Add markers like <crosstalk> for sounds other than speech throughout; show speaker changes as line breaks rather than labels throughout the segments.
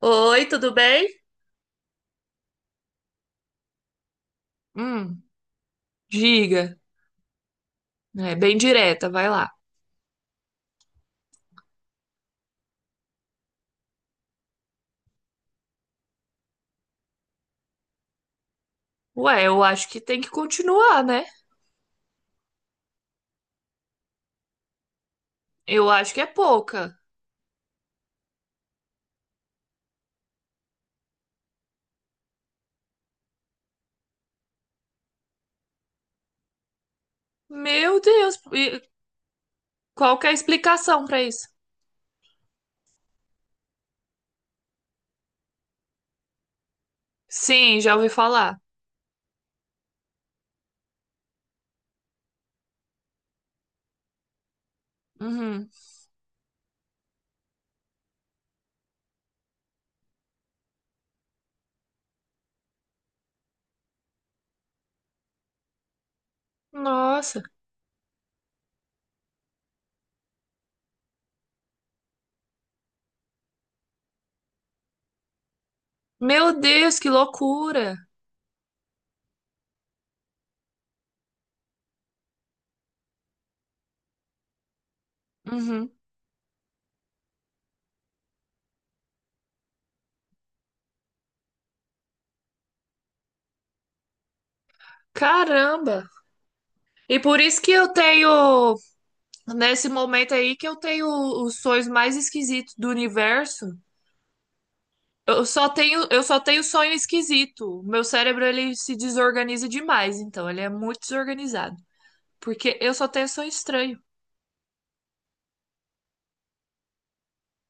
Oi, tudo bem? Hum, diga. É bem direta, vai lá. Ué, eu acho que tem que continuar, né? Eu acho que é pouca. Meu Deus, e qual que é a explicação pra isso? Sim, já ouvi falar. Uhum. Nossa, meu Deus, que loucura. Uhum. Caramba. E por isso que nesse momento aí, que eu tenho os sonhos mais esquisitos do universo. Eu só tenho sonho esquisito. Meu cérebro ele se desorganiza demais, então ele é muito desorganizado, porque eu só tenho sonho estranho.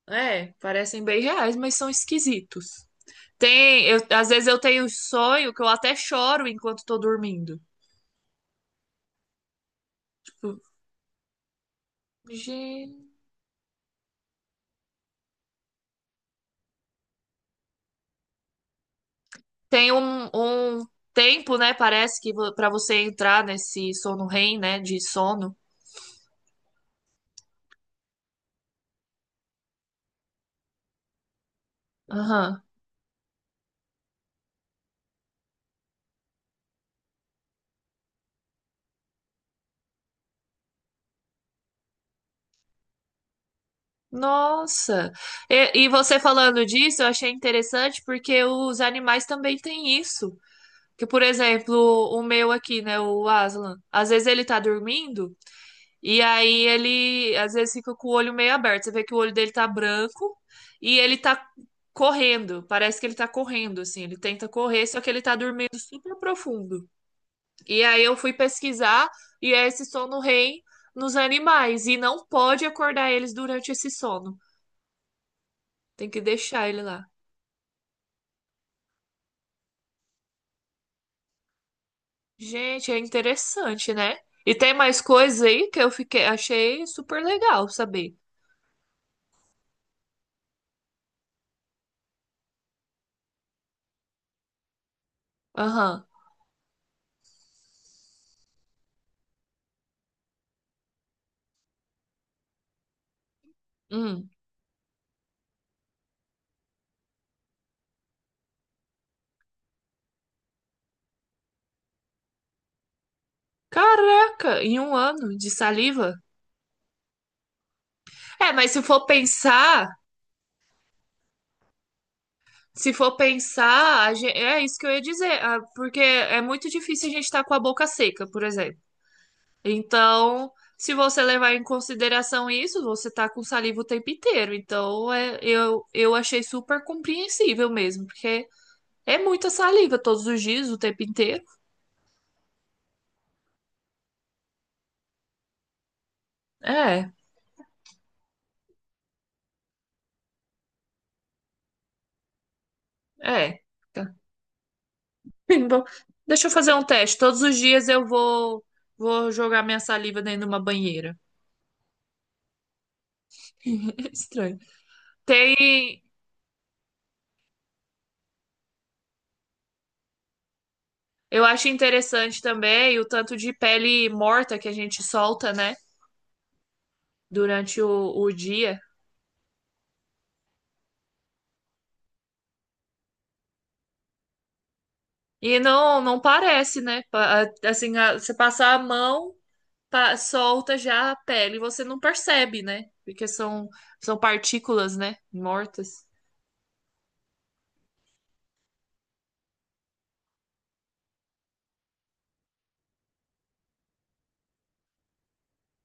É, parecem bem reais, mas são esquisitos. Tem, às vezes eu tenho um sonho que eu até choro enquanto tô dormindo. Tipo, gente, tem um tempo, né? Parece que pra você entrar nesse sono REM, né, de sono. Aham. Nossa! E você falando disso, eu achei interessante porque os animais também têm isso. Que, por exemplo, o meu aqui, né, o Aslan, às vezes ele tá dormindo e aí ele às vezes fica com o olho meio aberto. Você vê que o olho dele tá branco e ele tá correndo. Parece que ele tá correndo, assim. Ele tenta correr, só que ele tá dormindo super profundo. E aí eu fui pesquisar e é esse sono REM nos animais e não pode acordar eles durante esse sono. Tem que deixar ele lá. Gente, é interessante, né? E tem mais coisas aí que eu fiquei, achei super legal saber. Aham. Hum. Caraca, em um ano de saliva? É, mas se for pensar, se for pensar, a é isso que eu ia dizer, ah, porque é muito difícil a gente estar com a boca seca, por exemplo. Então, se você levar em consideração isso, você tá com saliva o tempo inteiro. Então, é, eu achei super compreensível mesmo, porque é muita saliva todos os dias, o tempo inteiro. É, é. Tá. <laughs> Bom, deixa eu fazer um teste. Todos os dias vou jogar minha saliva dentro de uma banheira. <laughs> Estranho. Tem. Eu acho interessante também o tanto de pele morta que a gente solta, né? Durante o dia. E não, não parece, né? Pa- Assim, você passar a mão, solta já a pele. Você não percebe, né? Porque são, são partículas, né? Mortas.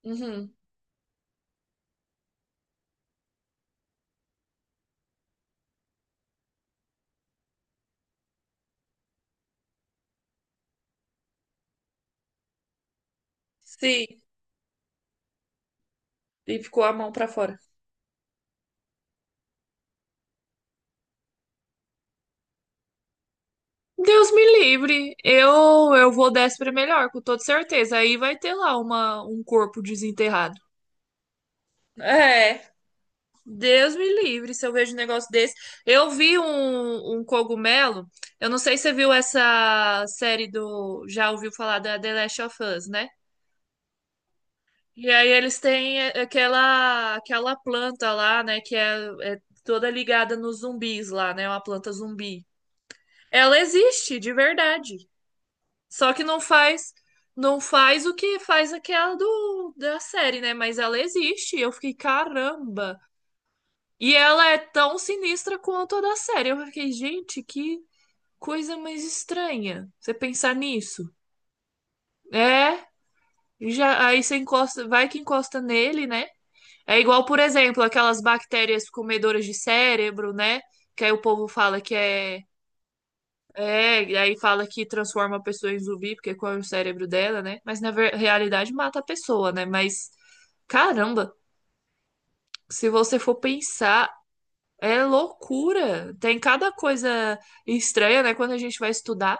Uhum. Sim, e ficou a mão pra fora. Deus me livre. Eu vou para melhor, com toda certeza. Aí vai ter lá um corpo desenterrado. É, Deus me livre se eu vejo um negócio desse. Eu vi um cogumelo. Eu não sei se você viu essa série do. Já ouviu falar da The Last of Us, né? E aí eles têm aquela planta lá, né? Que é, é toda ligada nos zumbis lá, né? Uma planta zumbi. Ela existe, de verdade. Só que não faz, não faz o que faz aquela da série, né? Mas ela existe. E eu fiquei, caramba. E ela é tão sinistra quanto a da série. Eu fiquei, gente, que coisa mais estranha. Você pensar nisso. É, já aí você encosta, vai que encosta nele, né? É igual, por exemplo, aquelas bactérias comedoras de cérebro, né? Que aí o povo fala que é é, e aí fala que transforma a pessoa em zumbi, porque qual é o cérebro dela, né? Mas na realidade mata a pessoa, né? Mas, caramba, se você for pensar, é loucura. Tem cada coisa estranha, né? Quando a gente vai estudar.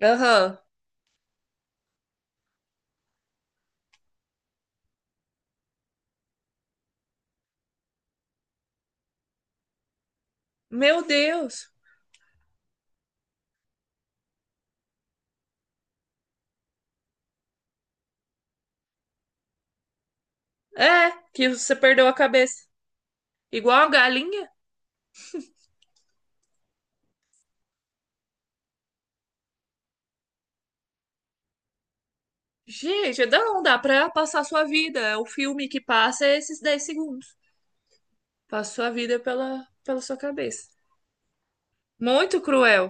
Aham. Meu Deus. É, que você perdeu a cabeça. Igual a galinha. Gente, não dá pra passar a sua vida. O filme que passa é esses 10 segundos. Passa a sua vida pela, pela sua cabeça. Muito cruel.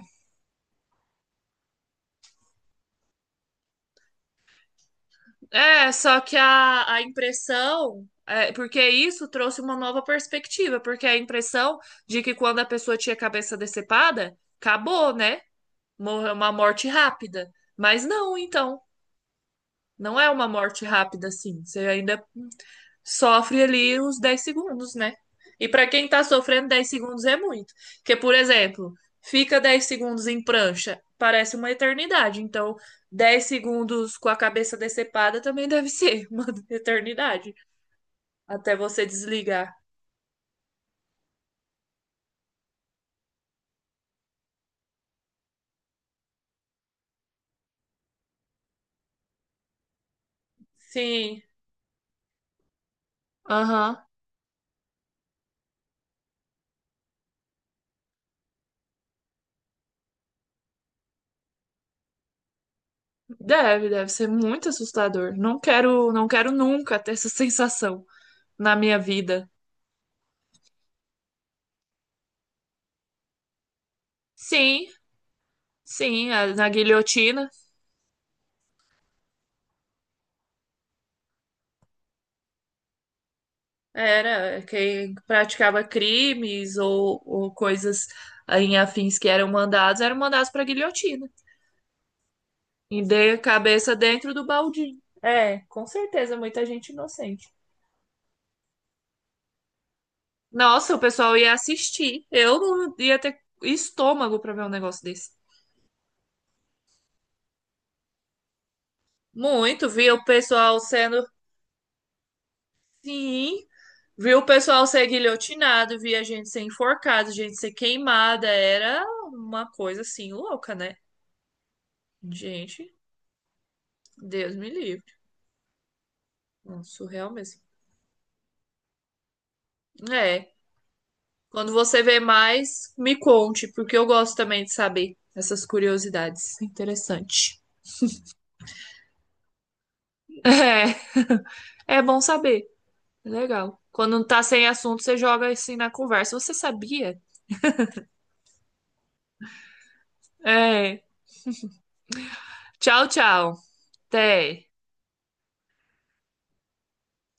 É, só que a impressão, é, porque isso trouxe uma nova perspectiva, porque a impressão de que quando a pessoa tinha a cabeça decepada, acabou, né? Morreu uma morte rápida. Mas não, então, não é uma morte rápida assim. Você ainda sofre ali os 10 segundos, né? E para quem tá sofrendo 10 segundos é muito. Porque, por exemplo, fica 10 segundos em prancha, parece uma eternidade. Então, 10 segundos com a cabeça decepada também deve ser uma <laughs> eternidade até você desligar. Sim. Aham. Deve, deve ser muito assustador. Não quero, não quero nunca ter essa sensação na minha vida. Sim, sim, a- na guilhotina era quem praticava crimes ou coisas em afins que eram mandados para guilhotina. E dei a cabeça dentro do baldinho. É, com certeza, muita gente inocente. Nossa, o pessoal ia assistir. Eu não ia ter estômago para ver um negócio desse. Muito, via o pessoal sendo. Sim, via o pessoal ser guilhotinado, via gente ser enforcada, gente ser queimada. Era uma coisa assim louca, né? Gente, Deus me livre. Não, surreal mesmo. É. Quando você vê mais, me conte, porque eu gosto também de saber essas curiosidades. Interessante. É, é bom saber. É legal. Quando não tá sem assunto, você joga assim na conversa. Você sabia? É. Tchau, tchau. Até.